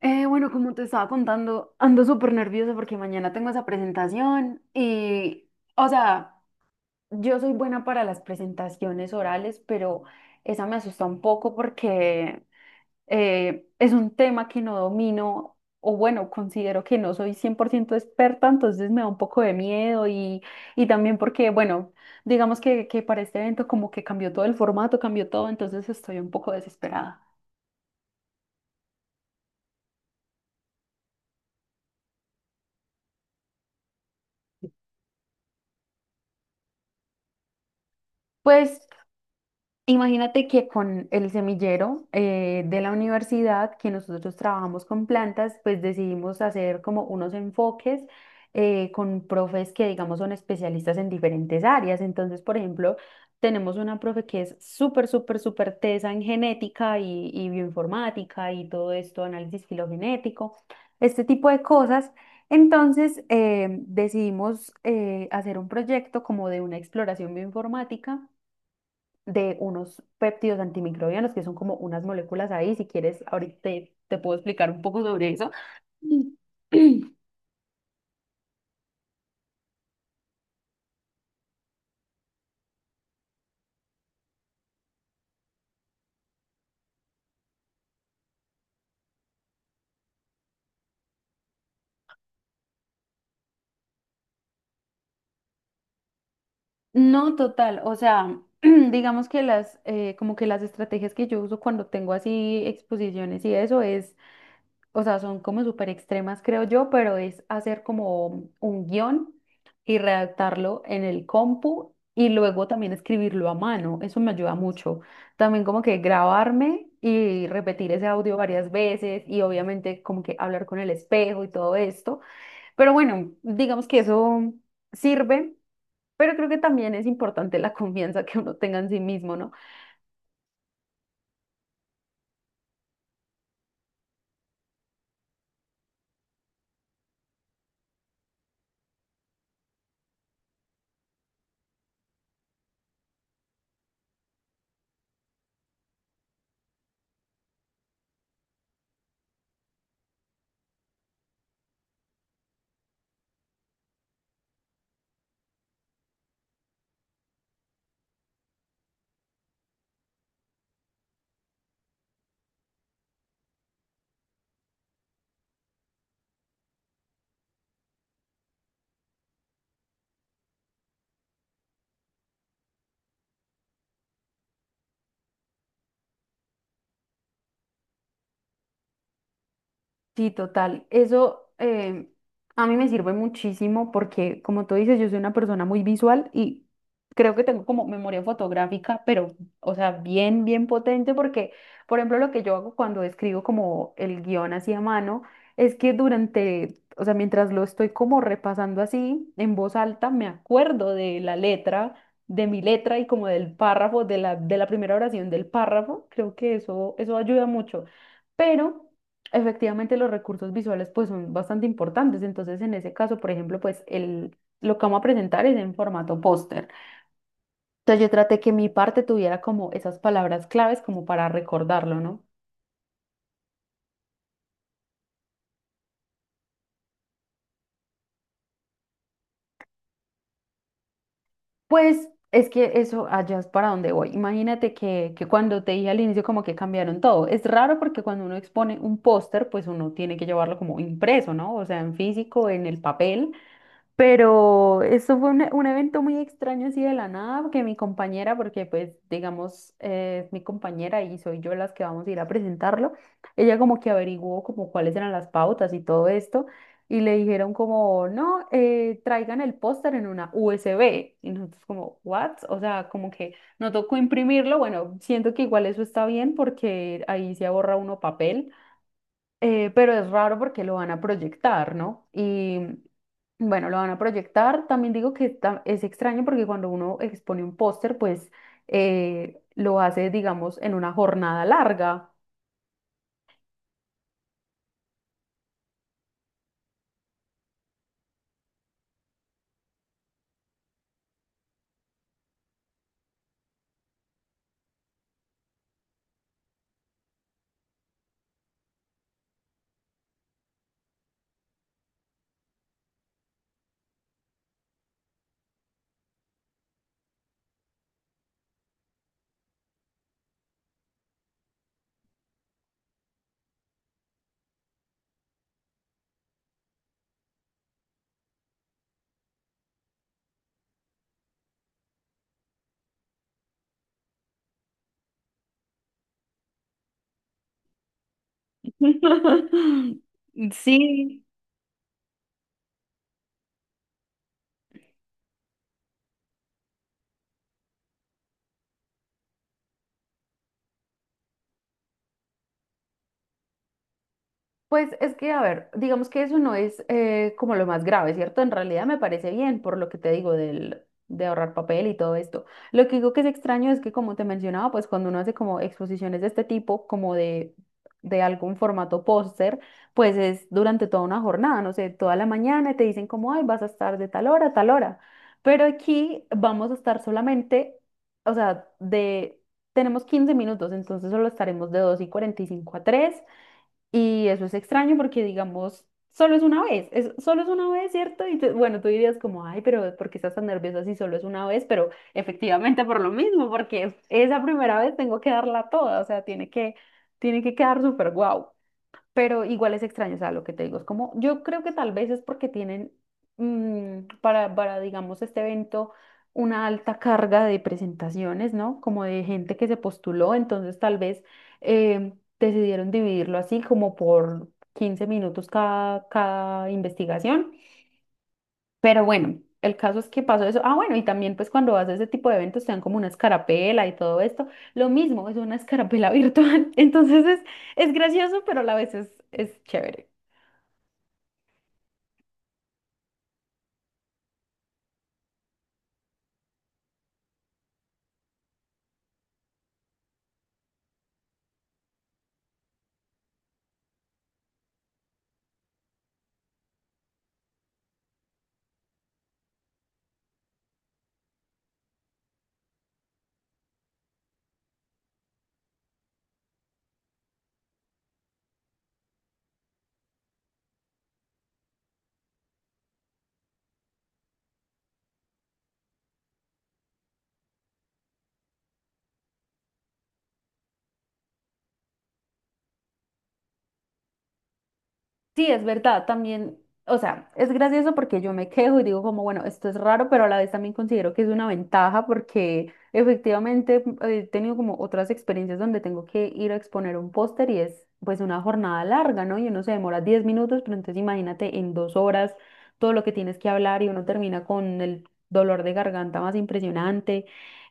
Bueno, como te estaba contando, ando súper nerviosa porque mañana tengo esa presentación y, o sea, yo soy buena para las presentaciones orales, pero esa me asusta un poco porque es un tema que no domino o bueno, considero que no soy 100% experta, entonces me da un poco de miedo y también porque, bueno, digamos que para este evento como que cambió todo el formato, cambió todo, entonces estoy un poco desesperada. Pues imagínate que con el semillero de la universidad, que nosotros trabajamos con plantas, pues decidimos hacer como unos enfoques con profes que, digamos, son especialistas en diferentes áreas. Entonces, por ejemplo, tenemos una profe que es súper, súper, súper tesa en genética y bioinformática y todo esto, análisis filogenético, este tipo de cosas. Entonces, decidimos hacer un proyecto como de una exploración bioinformática de unos péptidos antimicrobianos, que son como unas moléculas ahí. Si quieres, ahorita te puedo explicar un poco sobre eso. No, total, o sea, digamos que las, como que las estrategias que yo uso cuando tengo así exposiciones y eso es o sea, son como súper extremas, creo yo, pero es hacer como un guión y redactarlo en el compu y luego también escribirlo a mano. Eso me ayuda mucho. También como que grabarme y repetir ese audio varias veces y obviamente como que hablar con el espejo y todo esto. Pero bueno, digamos que eso sirve, pero creo que también es importante la confianza que uno tenga en sí mismo, ¿no? Sí, total. Eso a mí me sirve muchísimo porque, como tú dices, yo soy una persona muy visual y creo que tengo como memoria fotográfica, pero, o sea, bien, bien potente porque, por ejemplo, lo que yo hago cuando escribo como el guión así a mano es que durante, o sea, mientras lo estoy como repasando así en voz alta, me acuerdo de la letra, de mi letra y como del párrafo, de la primera oración del párrafo. Creo que eso ayuda mucho. Pero efectivamente, los recursos visuales pues son bastante importantes. Entonces, en ese caso, por ejemplo, pues lo que vamos a presentar es en formato póster. Entonces, yo traté que mi parte tuviera como esas palabras claves como para recordarlo, ¿no? Pues es que eso allá es para donde voy. Imagínate que cuando te dije al inicio como que cambiaron todo. Es raro porque cuando uno expone un póster, pues uno tiene que llevarlo como impreso, ¿no? O sea, en físico, en el papel. Pero esto fue un evento muy extraño así de la nada, porque mi compañera, porque pues digamos, es mi compañera y soy yo las que vamos a ir a presentarlo, ella como que averiguó como cuáles eran las pautas y todo esto, y le dijeron como, no, traigan el póster en una USB. Y nosotros como, ¿what? O sea, como que no tocó imprimirlo, bueno, siento que igual eso está bien porque ahí se ahorra uno papel pero es raro porque lo van a proyectar, ¿no? Y bueno, lo van a proyectar. También digo que es extraño porque cuando uno expone un póster, pues lo hace, digamos, en una jornada larga. Sí, pues es que, a ver, digamos que eso no es como lo más grave, ¿cierto? En realidad me parece bien por lo que te digo del, de ahorrar papel y todo esto. Lo que digo que es extraño es que, como te mencionaba, pues cuando uno hace como exposiciones de este tipo, como de algún formato póster, pues es durante toda una jornada, no sé, toda la mañana y te dicen como, ay, vas a estar de tal hora a tal hora. Pero aquí vamos a estar solamente, o sea, tenemos 15 minutos, entonces solo estaremos de 2:45 a 3. Y eso es extraño porque, digamos, solo es una vez, solo es una vez, ¿cierto? Y bueno, tú dirías como, ay, pero ¿por qué estás tan nerviosa si solo es una vez? Pero efectivamente por lo mismo, porque esa primera vez tengo que darla toda, o sea, tiene que quedar súper guau, pero igual es extraño, o sea, lo que te digo es como, yo creo que tal vez es porque tienen para, digamos, este evento una alta carga de presentaciones, ¿no? Como de gente que se postuló, entonces tal vez eh, decidieron dividirlo así como por 15 minutos cada investigación, pero bueno. El caso es que pasó eso. Ah, bueno, y también pues cuando vas a ese tipo de eventos te dan como una escarapela y todo esto. Lo mismo, es una escarapela virtual. Entonces es gracioso, pero a la vez es chévere. Sí, es verdad, también, o sea, es gracioso porque yo me quejo y digo como, bueno, esto es raro, pero a la vez también considero que es una ventaja porque efectivamente he tenido como otras experiencias donde tengo que ir a exponer un póster y es pues una jornada larga, ¿no? Y uno se demora 10 minutos, pero entonces imagínate en 2 horas todo lo que tienes que hablar y uno termina con el dolor de garganta más impresionante.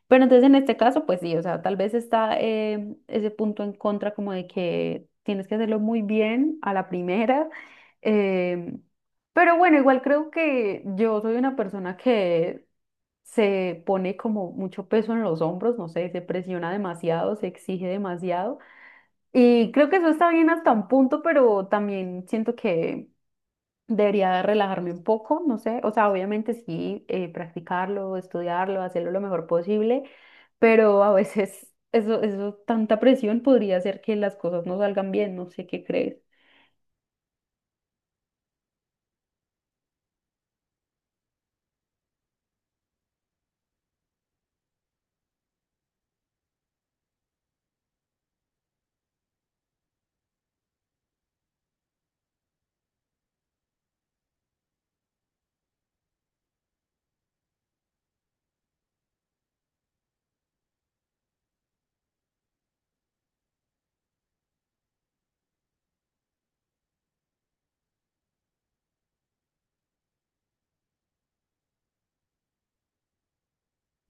Pero entonces en este caso, pues sí, o sea, tal vez está ese punto en contra como de que tienes que hacerlo muy bien a la primera, eh, pero bueno, igual creo que yo soy una persona que se pone como mucho peso en los hombros, no sé, se presiona demasiado, se exige demasiado. Y creo que eso está bien hasta un punto, pero también siento que debería relajarme un poco, no sé. O sea, obviamente sí, practicarlo, estudiarlo, hacerlo lo mejor posible, pero a veces tanta presión podría hacer que las cosas no salgan bien, no sé qué crees.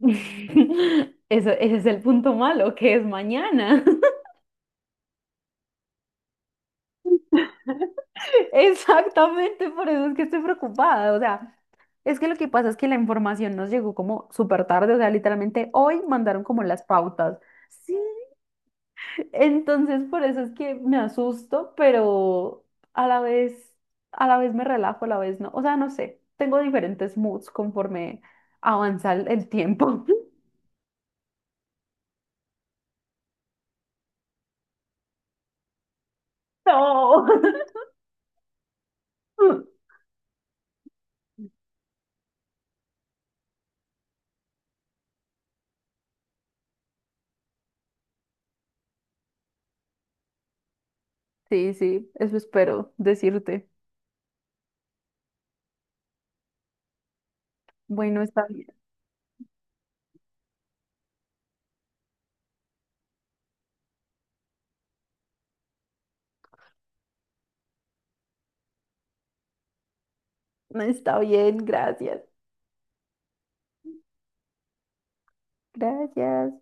Eso, ese es el punto malo, que es mañana. Exactamente, por eso es que estoy preocupada. O sea, es que lo que pasa es que la información nos llegó como súper tarde, o sea, literalmente hoy mandaron como las pautas. Sí, entonces, por eso es que me asusto, pero a la vez, a la vez me relajo, a la vez no. O sea, no sé, tengo diferentes moods conforme avanza el tiempo. No. Sí, sí, eso espero decirte. Bueno, está bien. Está bien, gracias. Gracias.